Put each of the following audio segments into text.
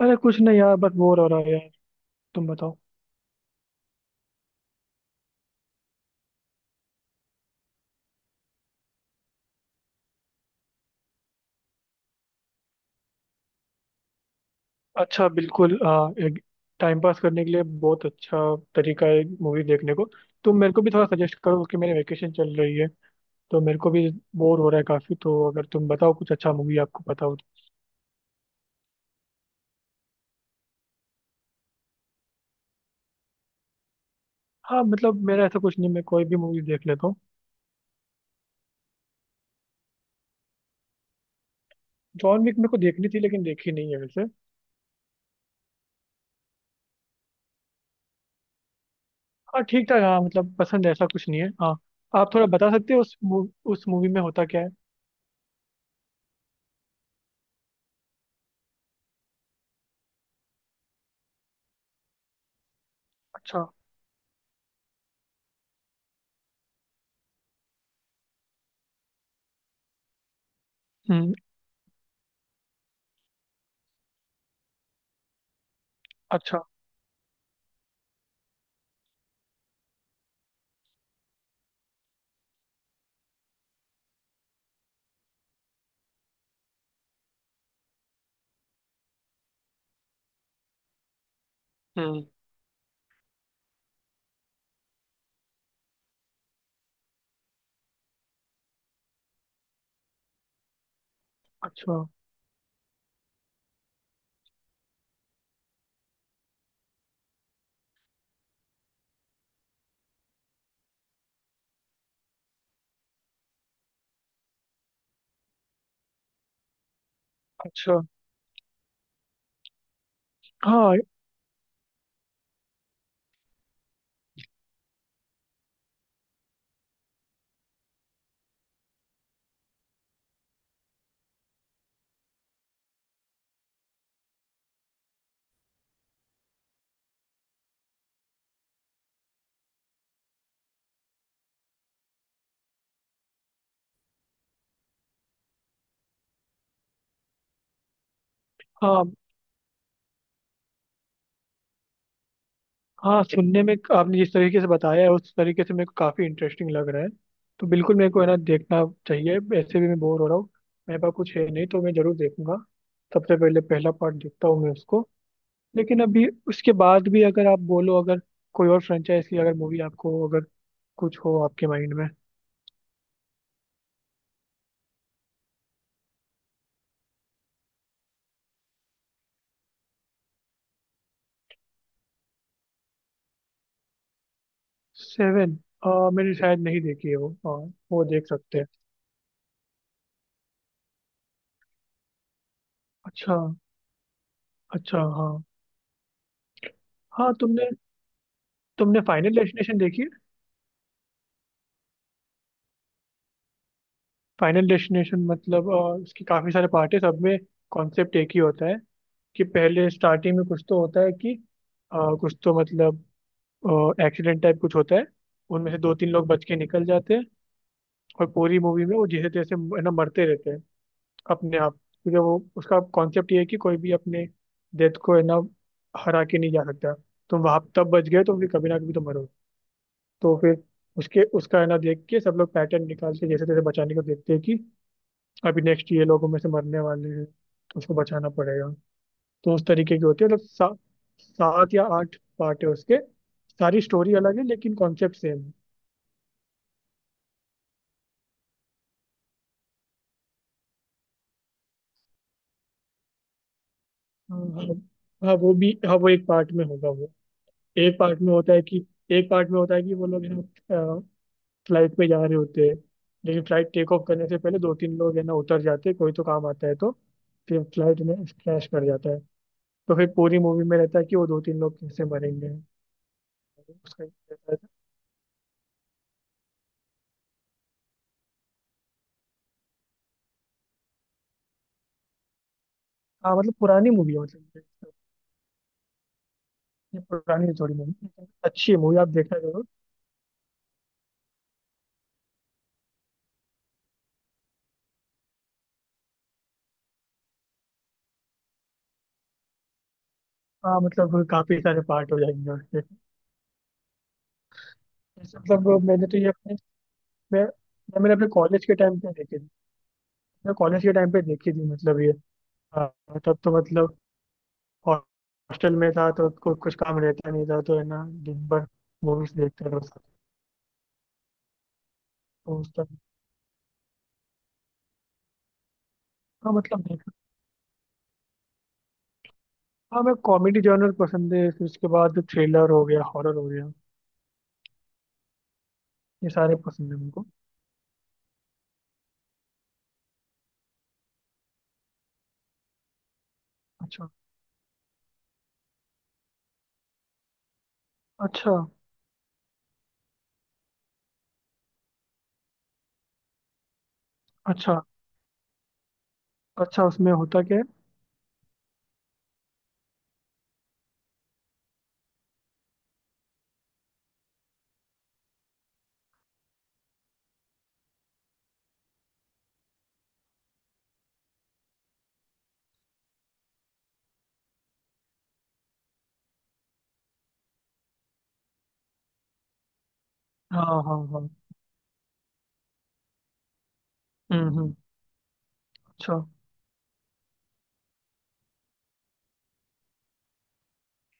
अरे कुछ नहीं यार बस बोर हो रहा है यार। तुम बताओ। अच्छा बिल्कुल एक टाइम पास करने के लिए बहुत अच्छा तरीका है मूवी देखने को। तुम मेरे को भी थोड़ा सजेस्ट करो क्योंकि मेरी वेकेशन चल रही है तो मेरे को भी बोर हो रहा है काफ़ी, तो अगर तुम बताओ कुछ अच्छा मूवी आपको पता हो तो। हाँ मतलब मेरा ऐसा कुछ नहीं, मैं कोई भी मूवी देख लेता हूँ। जॉन विक मेरे को देखनी थी लेकिन देखी नहीं है वैसे। हाँ ठीक ठाक, हाँ मतलब पसंद है, ऐसा कुछ नहीं है, हाँ। आप थोड़ा बता सकते हो उस उस मूवी में होता क्या है। अच्छा। हम्म। अच्छा। हम्म। अच्छा। अच्छा। हाँ। हाँ हाँ, सुनने में आपने जिस तरीके से बताया है उस तरीके से मेरे को काफ़ी इंटरेस्टिंग लग रहा है। तो बिल्कुल मेरे को है ना देखना चाहिए, ऐसे भी मैं बोर हो रहा हूँ। मेरे पास कुछ है नहीं तो मैं ज़रूर देखूंगा। सबसे पहले पहला पार्ट देखता हूँ मैं उसको। लेकिन अभी उसके बाद भी अगर आप बोलो, अगर कोई और फ्रेंचाइज की अगर मूवी आपको अगर कुछ हो आपके माइंड में। सेवन। मैंने शायद नहीं देखी है वो, हाँ। वो देख सकते हैं। अच्छा। अच्छा। हाँ। हाँ तुमने तुमने फाइनल डेस्टिनेशन देखी है। फाइनल डेस्टिनेशन मतलब इसके काफी सारे पार्ट है, सब में कॉन्सेप्ट एक ही होता है कि पहले स्टार्टिंग में कुछ तो होता है कि कुछ तो मतलब एक्सीडेंट टाइप कुछ होता है, उनमें से दो तीन लोग बच के निकल जाते हैं और पूरी मूवी में वो जैसे तैसे है ना मरते रहते हैं अपने आप। क्योंकि वो उसका कॉन्सेप्ट ये है कि कोई भी अपने डेथ को है ना हरा के नहीं जा सकता। तुम वहां तब बच गए तो फिर कभी ना कभी तो मरो। तो फिर उसके उसका है ना देख के सब लोग पैटर्न निकाल के जैसे तैसे बचाने को देखते हैं कि अभी नेक्स्ट ये लोगों में से मरने वाले हैं तो उसको बचाना पड़ेगा। तो उस तरीके की होती है मतलब सात या आठ पार्ट है उसके, सारी स्टोरी अलग है लेकिन कॉन्सेप्ट सेम है। हाँ हाँ। हाँ, वो भी, हाँ वो एक पार्ट में होगा वो। एक पार्ट में होता है कि एक पार्ट में होता है कि वो लोग है ना फ्लाइट पे जा रहे होते हैं, लेकिन फ्लाइट टेक ऑफ करने से पहले दो तीन लोग है ना उतर जाते हैं, कोई तो काम आता है तो फिर फ्लाइट में क्रैश कर जाता है। तो फिर पूरी मूवी में रहता है कि वो दो तीन लोग कैसे मरेंगे उसका। हाँ मतलब पुरानी मूवी है मतलब। ये पुरानी है थोड़ी मूवी। अच्छी है मूवी, आप देखना जरूर। हाँ मतलब काफी सारे पार्ट हो जाएंगे उसके। जैसे मतलब मैंने तो ये अपने मैंने अपने कॉलेज के टाइम पे देखी थी। मैं कॉलेज के टाइम पे देखी थी मतलब ये। हाँ, तब तो मतलब हॉस्टल में था तो कुछ काम रहता नहीं था तो है ना दिन भर मूवीज देखते रहो सब। तो उस टाइम। हाँ मतलब देख। हाँ मैं कॉमेडी जॉनर पसंद है फिर उसके बाद थ्रिलर हो गया हॉरर हो गया। ये सारे पसंद है मुझको। अच्छा। अच्छा। अच्छा। अच्छा उसमें होता क्या है। हाँ हाँ हाँ। हम्म। अच्छा।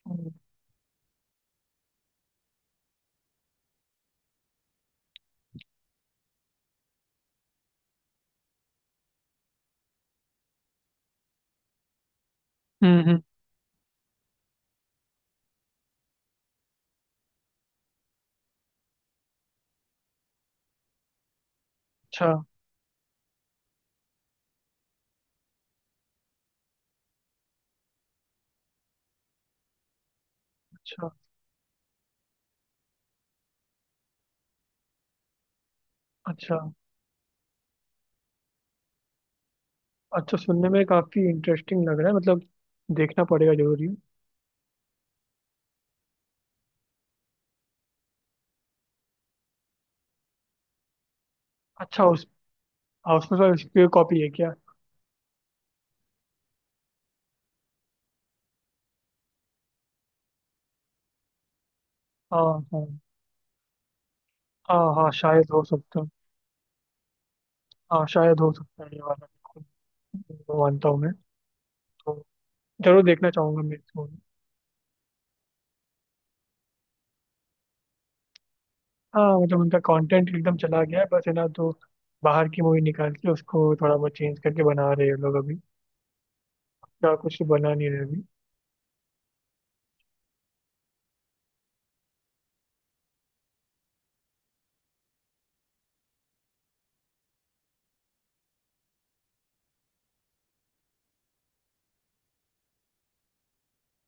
हम्म हम्म, अच्छा। अच्छा। अच्छा। अच्छा, सुनने में काफी इंटरेस्टिंग लग रहा है मतलब। देखना पड़ेगा, जरूरी है। अच्छा उस। हाँ, उसमें सर इसकी कॉपी है क्या। हाँ हाँ। हाँ हाँ शायद हो सकता है। हाँ शायद हो सकता है ये वाला, बिल्कुल वो मानता हूँ मैं। तो जरूर देखना चाहूंगा मैं इसको। हाँ मतलब उनका कंटेंट एकदम चला गया है बस है ना, तो बाहर की मूवी निकाल के उसको थोड़ा बहुत चेंज करके बना रहे हैं ये लोग अभी। क्या कुछ तो बना नहीं रहे अभी।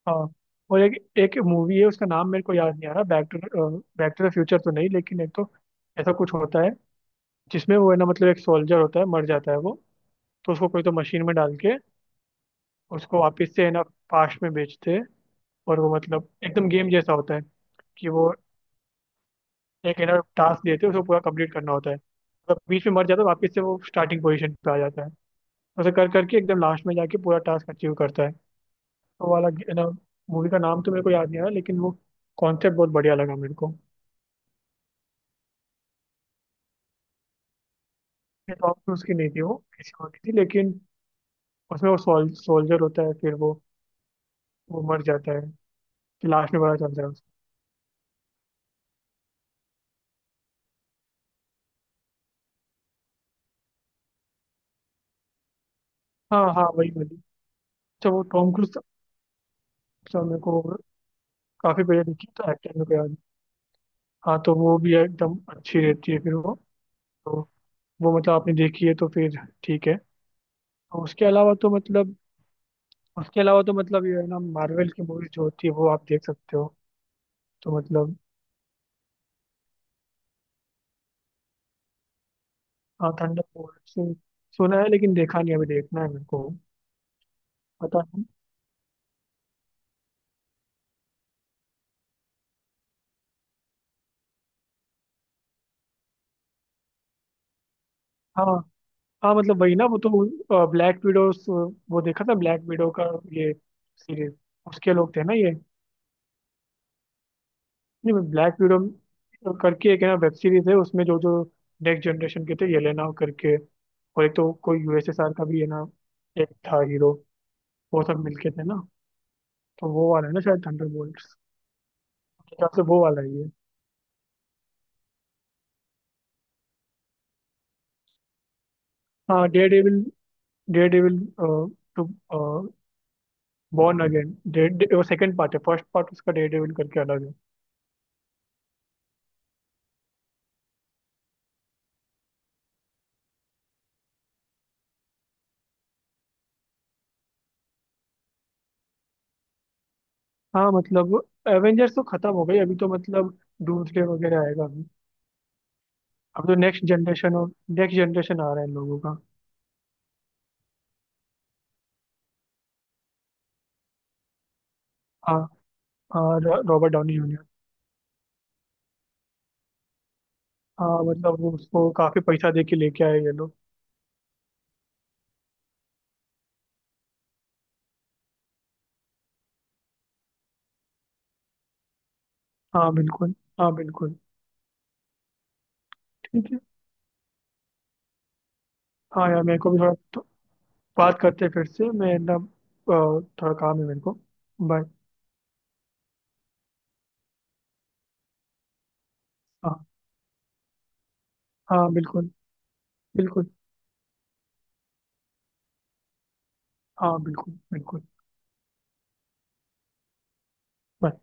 हाँ और एक एक मूवी है उसका नाम मेरे को याद नहीं आ रहा, back to, back to the future तो नहीं, लेकिन एक तो ऐसा कुछ होता है जिसमें वो है ना मतलब एक सोल्जर होता है मर जाता है वो। तो उसको कोई तो मशीन में डाल के उसको वापस से है ना पास्ट में भेजते हैं और वो मतलब एकदम गेम जैसा होता है कि वो एक है ना टास्क देते हैं उसको पूरा कंप्लीट करना होता है, मतलब बीच में मर जाता है वापस से वो स्टार्टिंग पोजीशन पे आ जाता है। ऐसा कर करके एकदम लास्ट में जाके पूरा टास्क अचीव करता है तो वाला है ना। मूवी का नाम तो मेरे को याद नहीं आ रहा लेकिन वो कॉन्सेप्ट बहुत बढ़िया लगा मेरे को। टॉम क्रूज की नहीं थी वो किसी और की थी, लेकिन उसमें वो सोल्जर होता है फिर वो मर जाता है। फिर लास्ट में पता चलता है उसको। हाँ हाँ वही वाली। अच्छा वो टॉम क्रूज था। अच्छा, मेरे को काफी पहले देखी तो एक्टर मेरे को याद नहीं। हाँ तो वो भी एकदम अच्छी रहती है फिर वो। तो वो मतलब आपने देखी है तो फिर ठीक है। और उसके अलावा तो मतलब उसके अलावा तो मतलब ये है ना मार्वल की मूवी जो होती है वो आप देख सकते हो तो मतलब। हाँ थंडरबोल्ट सुना है लेकिन देखा नहीं, अभी देखना है मेरे को। पता नहीं। हाँ। हाँ मतलब वही ना वो तो ब्लैक विडो। वो देखा था ब्लैक विडो का ये सीरीज, उसके लोग थे ना ये। नहीं, ब्लैक विडो करके एक है ना वेब सीरीज है, उसमें जो जो नेक्स्ट जनरेशन के थे येलेना करके, और एक तो कोई USSR का भी है ना। एक था हीरो, वो सब मिलके थे ना। तो वो वाला है ना शायद थंडरबोल्ट्स। मेरे ख्याल से वो वाला ही है। हाँ, dare devil. Dare devil two born again वो सेकंड पार्ट है, फर्स्ट पार्ट उसका डेयर डेविल करके अलग है। हाँ मतलब एवेंजर्स तो खत्म हो गई अभी तो मतलब डूम्सडे वगैरह आएगा अभी। अब तो नेक्स्ट जनरेशन और नेक्स्ट जनरेशन आ रहा है इन लोगों का। हाँ हाँ, रॉबर्ट डाउनी जूनियर। हाँ मतलब वो उसको काफी पैसा दे के लेके आए ये लोग। हाँ बिल्कुल। हाँ बिल्कुल। ठीक है। हाँ यार मेरे को भी थोड़ा तो बात करते हैं फिर से, मैं ना थोड़ा काम है मेरे को। बाय। हाँ हाँ बिल्कुल बिल्कुल। हाँ बिल्कुल बिल्कुल। Bye.